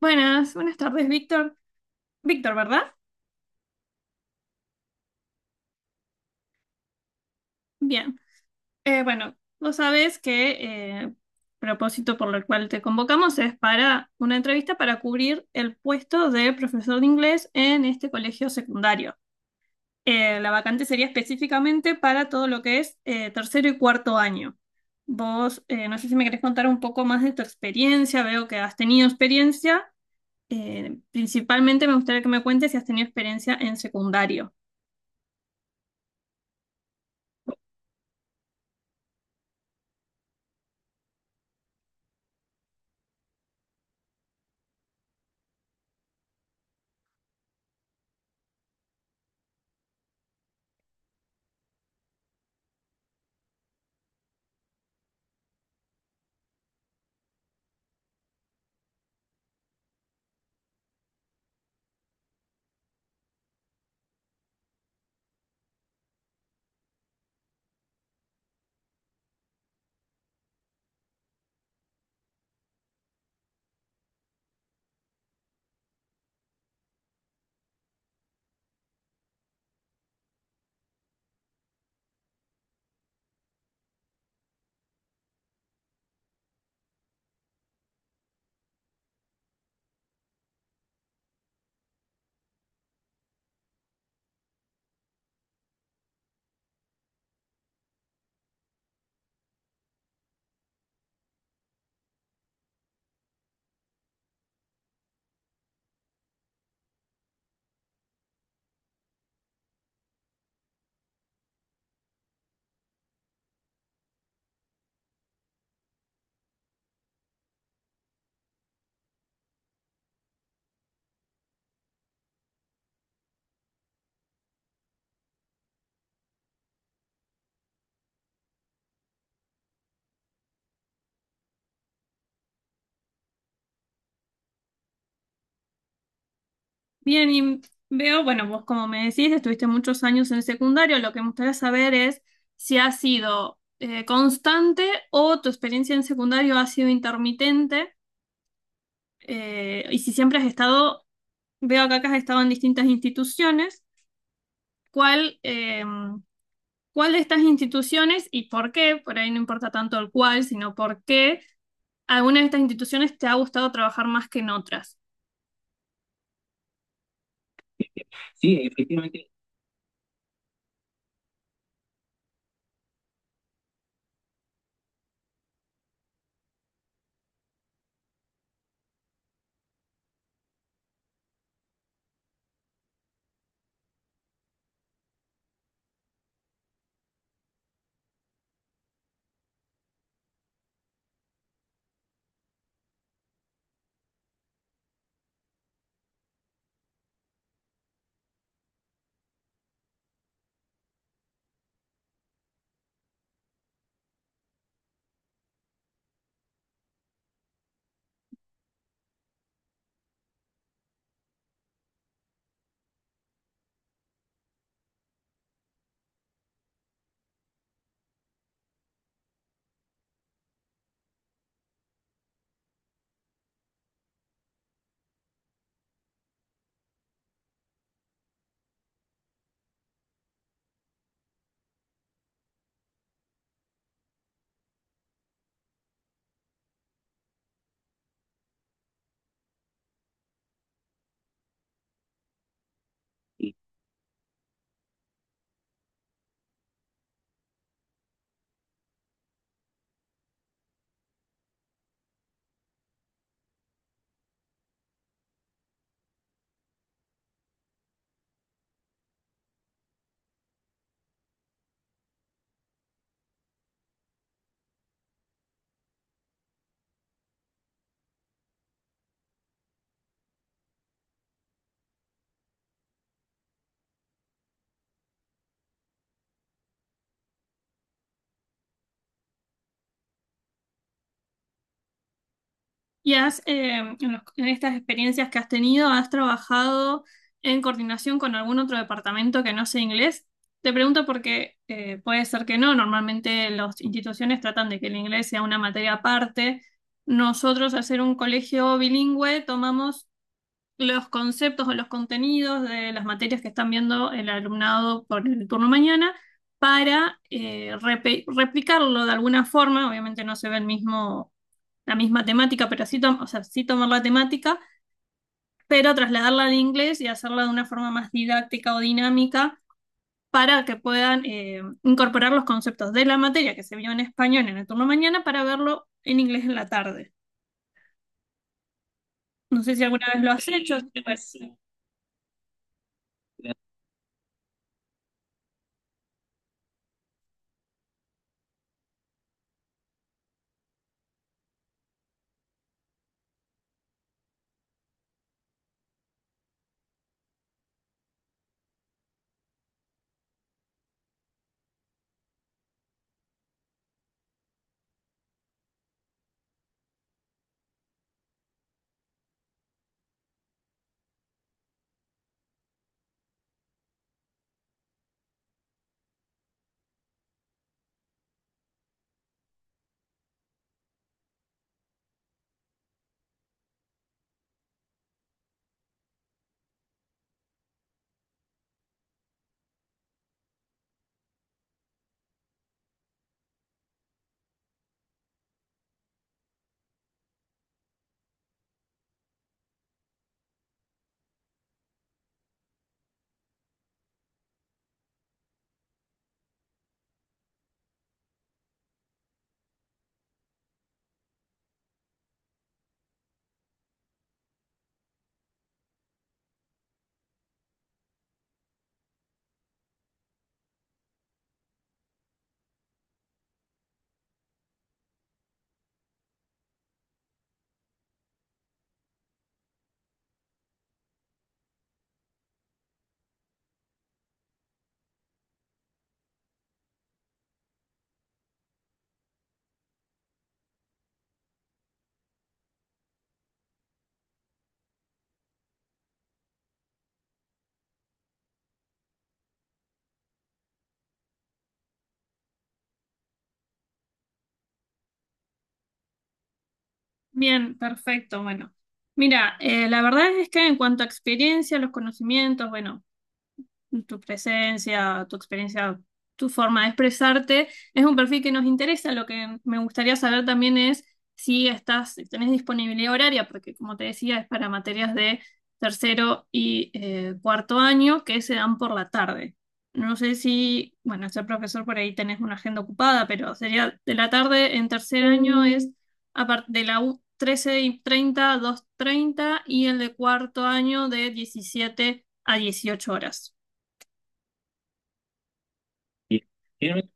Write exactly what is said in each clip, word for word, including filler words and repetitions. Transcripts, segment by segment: Buenas, buenas tardes, Víctor. Víctor, ¿verdad? Bien. Eh, bueno, vos sabes que eh, propósito por el cual te convocamos es para una entrevista para cubrir el puesto de profesor de inglés en este colegio secundario. Eh, la vacante sería específicamente para todo lo que es eh, tercero y cuarto año. Vos, eh, no sé si me querés contar un poco más de tu experiencia, veo que has tenido experiencia. Eh, principalmente me gustaría que me cuentes si has tenido experiencia en secundario. Bien, y veo, bueno, vos como me decís, estuviste muchos años en el secundario, lo que me gustaría saber es si ha sido eh, constante o tu experiencia en secundario ha sido intermitente eh, y si siempre has estado, veo acá que has estado en distintas instituciones, ¿cuál, em, cuál de estas instituciones y por qué, por ahí no importa tanto el cuál, sino por qué alguna de estas instituciones te ha gustado trabajar más que en otras? Sí, efectivamente. Sí. Y has, eh, en, los- en estas experiencias que has tenido, ¿has trabajado en coordinación con algún otro departamento que no sea inglés? Te pregunto porque eh, puede ser que no. Normalmente las instituciones tratan de que el inglés sea una materia aparte. Nosotros, al ser un colegio bilingüe, tomamos los conceptos o los contenidos de las materias que están viendo el alumnado por el turno mañana para eh, repe- replicarlo de alguna forma. Obviamente no se ve el mismo, la misma temática, pero sí, tom- o sea, sí tomar la temática, pero trasladarla al inglés y hacerla de una forma más didáctica o dinámica para que puedan eh, incorporar los conceptos de la materia que se vio en español en el turno mañana para verlo en inglés en la tarde. No sé si alguna vez lo has hecho. ¿Si te parece? Bien, perfecto. Bueno, mira, eh, la verdad es que en cuanto a experiencia, los conocimientos, bueno, tu presencia, tu experiencia, tu forma de expresarte. Es un perfil que nos interesa. Lo que me gustaría saber también es si estás, si tenés disponibilidad horaria, porque como te decía, es para materias de tercero y eh, cuarto año que se dan por la tarde. No sé si, bueno, ser profesor por ahí tenés una agenda ocupada, pero sería de la tarde en tercer año es a par- de la U trece y treinta a dos treinta y el de cuarto año de diecisiete a dieciocho horas. Y tiene-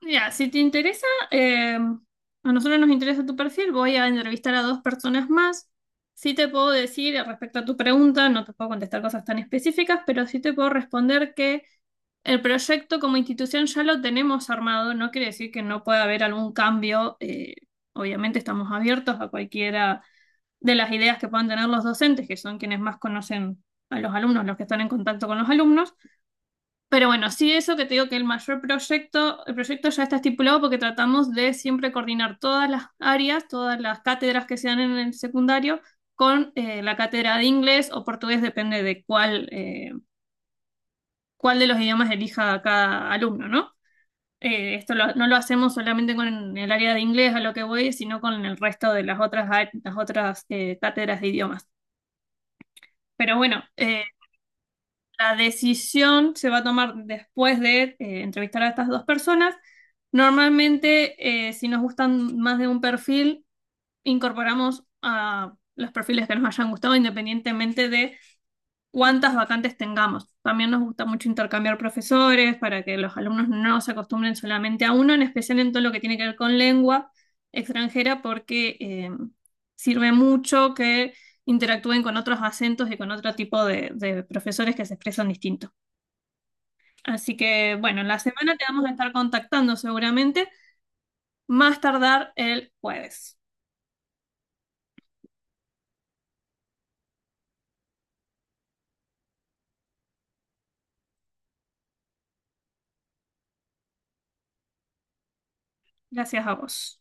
Mira, si te interesa, eh, a nosotros nos interesa tu perfil, voy a entrevistar a dos personas más. Sí te puedo decir eh, respecto a tu pregunta, no te puedo contestar cosas tan específicas, pero sí te puedo responder que el proyecto como institución ya lo tenemos armado, no quiere decir que no pueda haber algún cambio. Eh, obviamente estamos abiertos a cualquiera de las ideas que puedan tener los docentes, que son quienes más conocen a los alumnos, los que están en contacto con los alumnos. Pero bueno, sí, eso que te digo, que el mayor proyecto, el proyecto ya está estipulado porque tratamos de siempre coordinar todas las áreas, todas las cátedras que se dan en el secundario con eh, la cátedra de inglés o portugués, depende de cuál, eh, cuál de los idiomas elija cada alumno, ¿no? Eh, esto lo- no lo hacemos solamente con el área de inglés, a lo que voy, sino con el resto de las otras, ar- las otras eh, cátedras de idiomas. Pero bueno, eh, la decisión se va a tomar después de eh, entrevistar a estas dos personas. Normalmente, eh, si nos gustan más de un perfil, incorporamos a los perfiles que nos hayan gustado, independientemente de cuántas vacantes tengamos. También nos gusta mucho intercambiar profesores para que los alumnos no se acostumbren solamente a uno, en especial en todo lo que tiene que ver con lengua extranjera, porque eh, sirve mucho que interactúen con otros acentos y con otro tipo de, de profesores que se expresan distintos. Así que, bueno, en la semana te vamos a estar contactando seguramente, más tardar el jueves. Gracias a vos.